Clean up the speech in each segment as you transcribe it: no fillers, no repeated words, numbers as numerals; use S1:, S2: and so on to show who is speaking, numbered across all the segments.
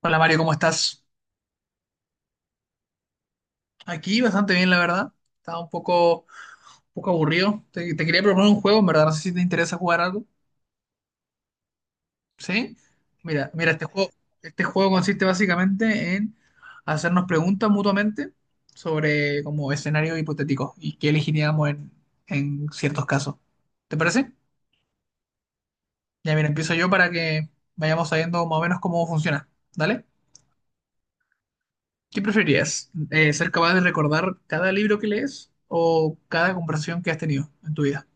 S1: Hola Mario, ¿cómo estás? Aquí bastante bien, la verdad. Estaba un poco aburrido. Te quería proponer un juego, en verdad. No sé si te interesa jugar algo. ¿Sí? Mira, este juego consiste básicamente en hacernos preguntas mutuamente sobre como escenarios hipotéticos y qué elegiríamos en ciertos casos. ¿Te parece? Ya, mira, empiezo yo para que vayamos sabiendo más o menos cómo funciona. ¿Dale? ¿Qué preferirías? ¿ser capaz de recordar cada libro que lees o cada conversación que has tenido en tu vida?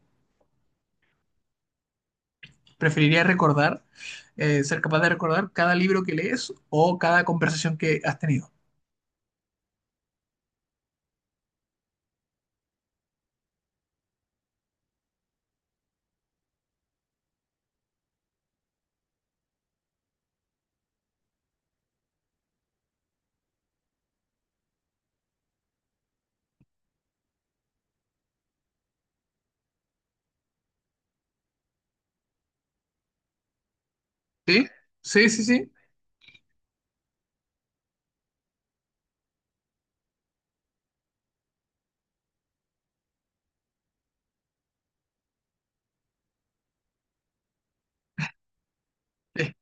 S1: Preferiría recordar, ser capaz de recordar cada libro que lees o cada conversación que has tenido. ¿Sí? Sí, sí, sí. Eh,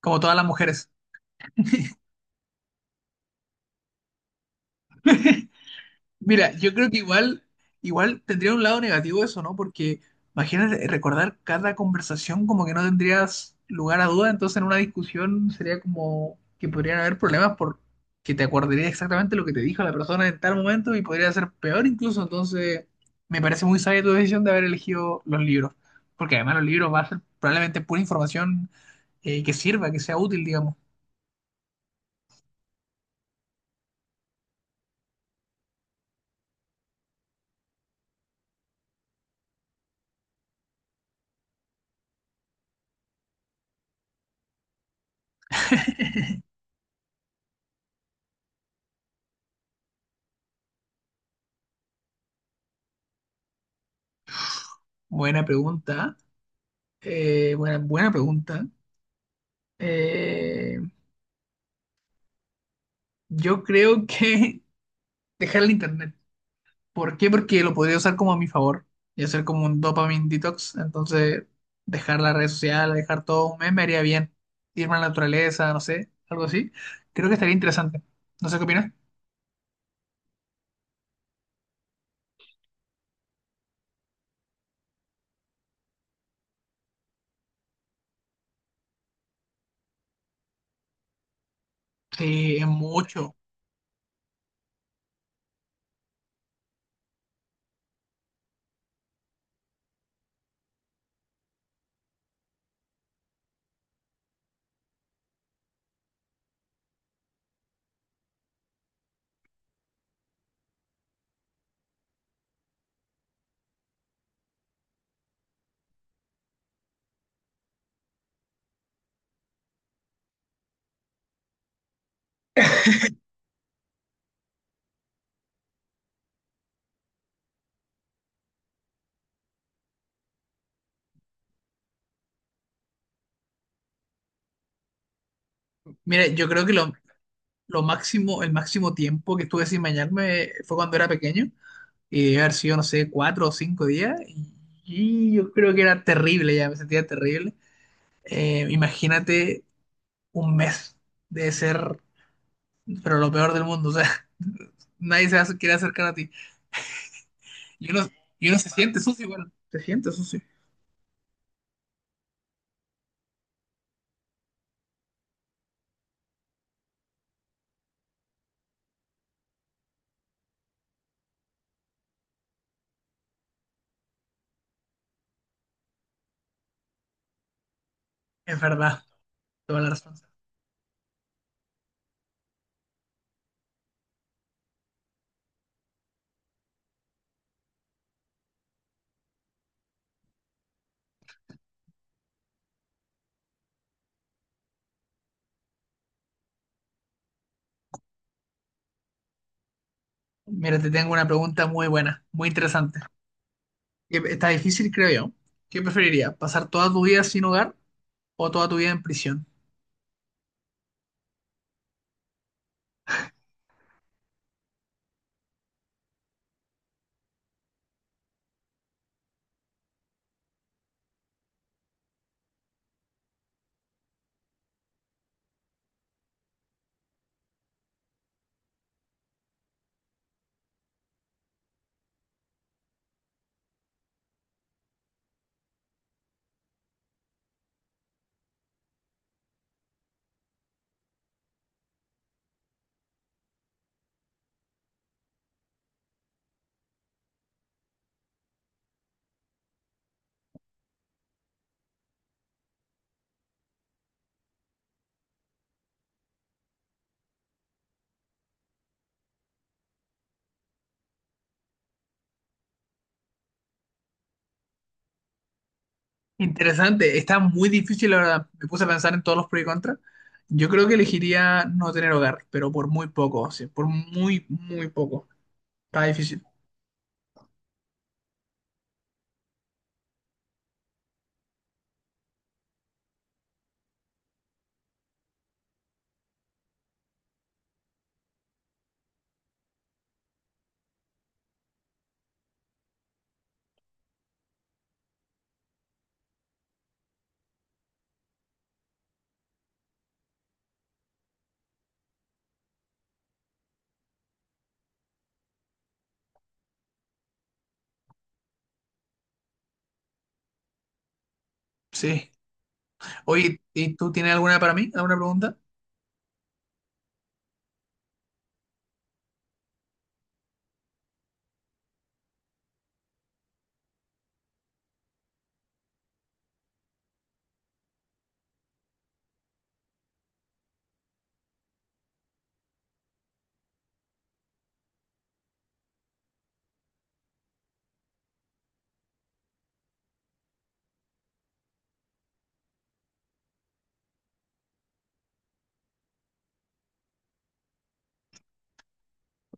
S1: como todas las mujeres. Mira, yo creo que igual, igual tendría un lado negativo eso, ¿no? Porque imagínate recordar cada conversación, como que no tendrías lugar a duda, entonces en una discusión sería como que podrían haber problemas por que te acordarías exactamente lo que te dijo la persona en tal momento y podría ser peor incluso. Entonces me parece muy sabia tu decisión de haber elegido los libros, porque además los libros va a ser probablemente pura información, que sirva, que sea útil, digamos. Buena pregunta, buena, buena pregunta. Eh, Yo creo que dejar el internet. ¿Por qué? Porque lo podría usar como a mi favor y hacer como un dopamine detox. Entonces, dejar la red social, dejar todo un mes me haría bien. Irme a la naturaleza, no sé, algo así. Creo que estaría interesante. No sé qué opinas. Sí, es mucho. Mira, yo creo que lo máximo, el máximo tiempo que estuve sin bañarme fue cuando era pequeño y debe haber sido, no sé, cuatro o cinco días. Y yo creo que era terrible ya, me sentía terrible. Imagínate un mes de ser, pero lo peor del mundo, o sea, nadie quiere acercar a ti. Y uno, y uno se siente sucio, bueno, se siente sucio. Es verdad, toda la razón. Mira, te tengo una pregunta muy buena, muy interesante. Que Está difícil, creo yo. ¿Qué preferiría ¿Pasar toda tu vida sin hogar o toda tu vida en prisión? Interesante, está muy difícil, la verdad. Me puse a pensar en todos los pros y contras. Yo creo que elegiría no tener hogar, pero por muy poco, sí, por muy, muy poco. Está difícil. Sí. Oye, ¿y tú tienes alguna para mí? ¿Alguna pregunta?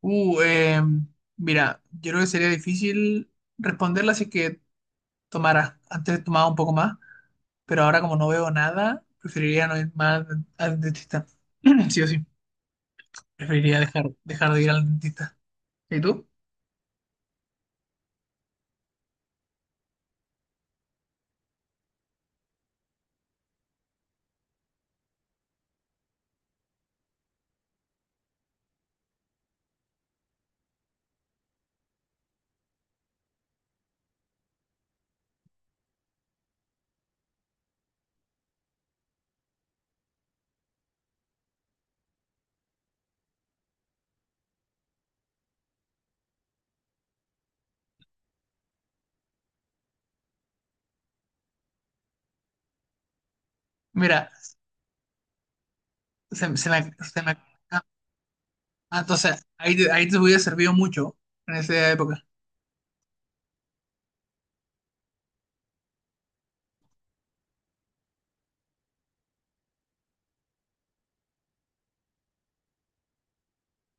S1: Uh, eh, mira, yo creo que sería difícil responderla así que tomara. Antes tomaba un poco más, pero ahora como no veo nada, preferiría no ir más al dentista. Sí o sí, preferiría dejar, dejar de ir al dentista. ¿Y tú? Mira, se, se me, se me- entonces, ahí te hubiera servido mucho en esa época.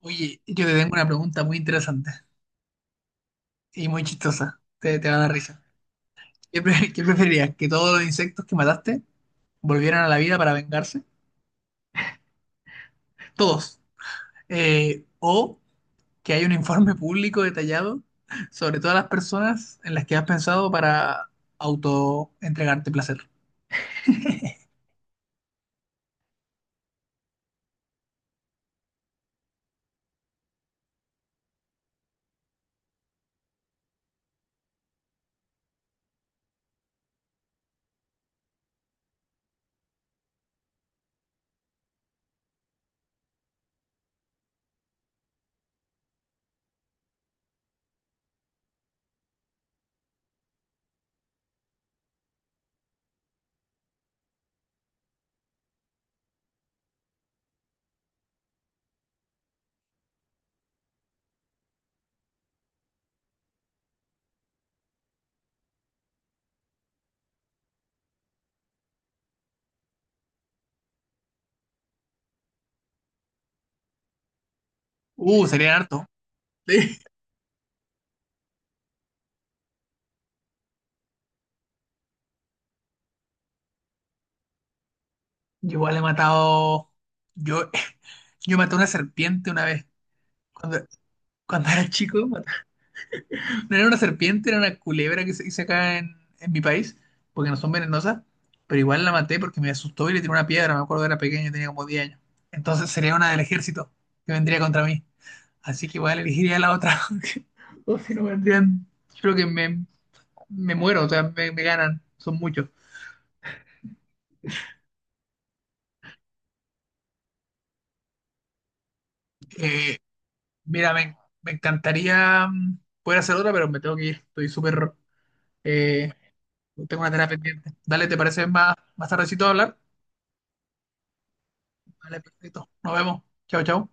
S1: Oye, yo te tengo una pregunta muy interesante y muy chistosa. Te va a dar risa. ¿Qué preferirías? ¿Que todos los insectos que mataste volvieran a la vida para vengarse? Todos. ¿O que haya un informe público detallado sobre todas las personas en las que has pensado para auto-entregarte placer? Sería harto. Sí. Yo igual he matado... Yo, yo maté una serpiente una vez. Cuando, cuando era chico, no era una serpiente, era una culebra, que se dice acá en mi país, porque no son venenosas, pero igual la maté porque me asustó y le tiré una piedra. Me acuerdo era pequeño, tenía como 10 años. Entonces sería una del ejército que vendría contra mí. Así que igual elegiría la otra, porque... o si no vendrían, yo creo que me muero, o sea, me ganan, son muchos. Eh, mira, me, me encantaría, poder hacer otra, pero me tengo que ir. Estoy súper... eh, tengo una tarea pendiente. Dale, ¿te parece más, más tardecito hablar? Vale, perfecto. Nos vemos. Chao, chao.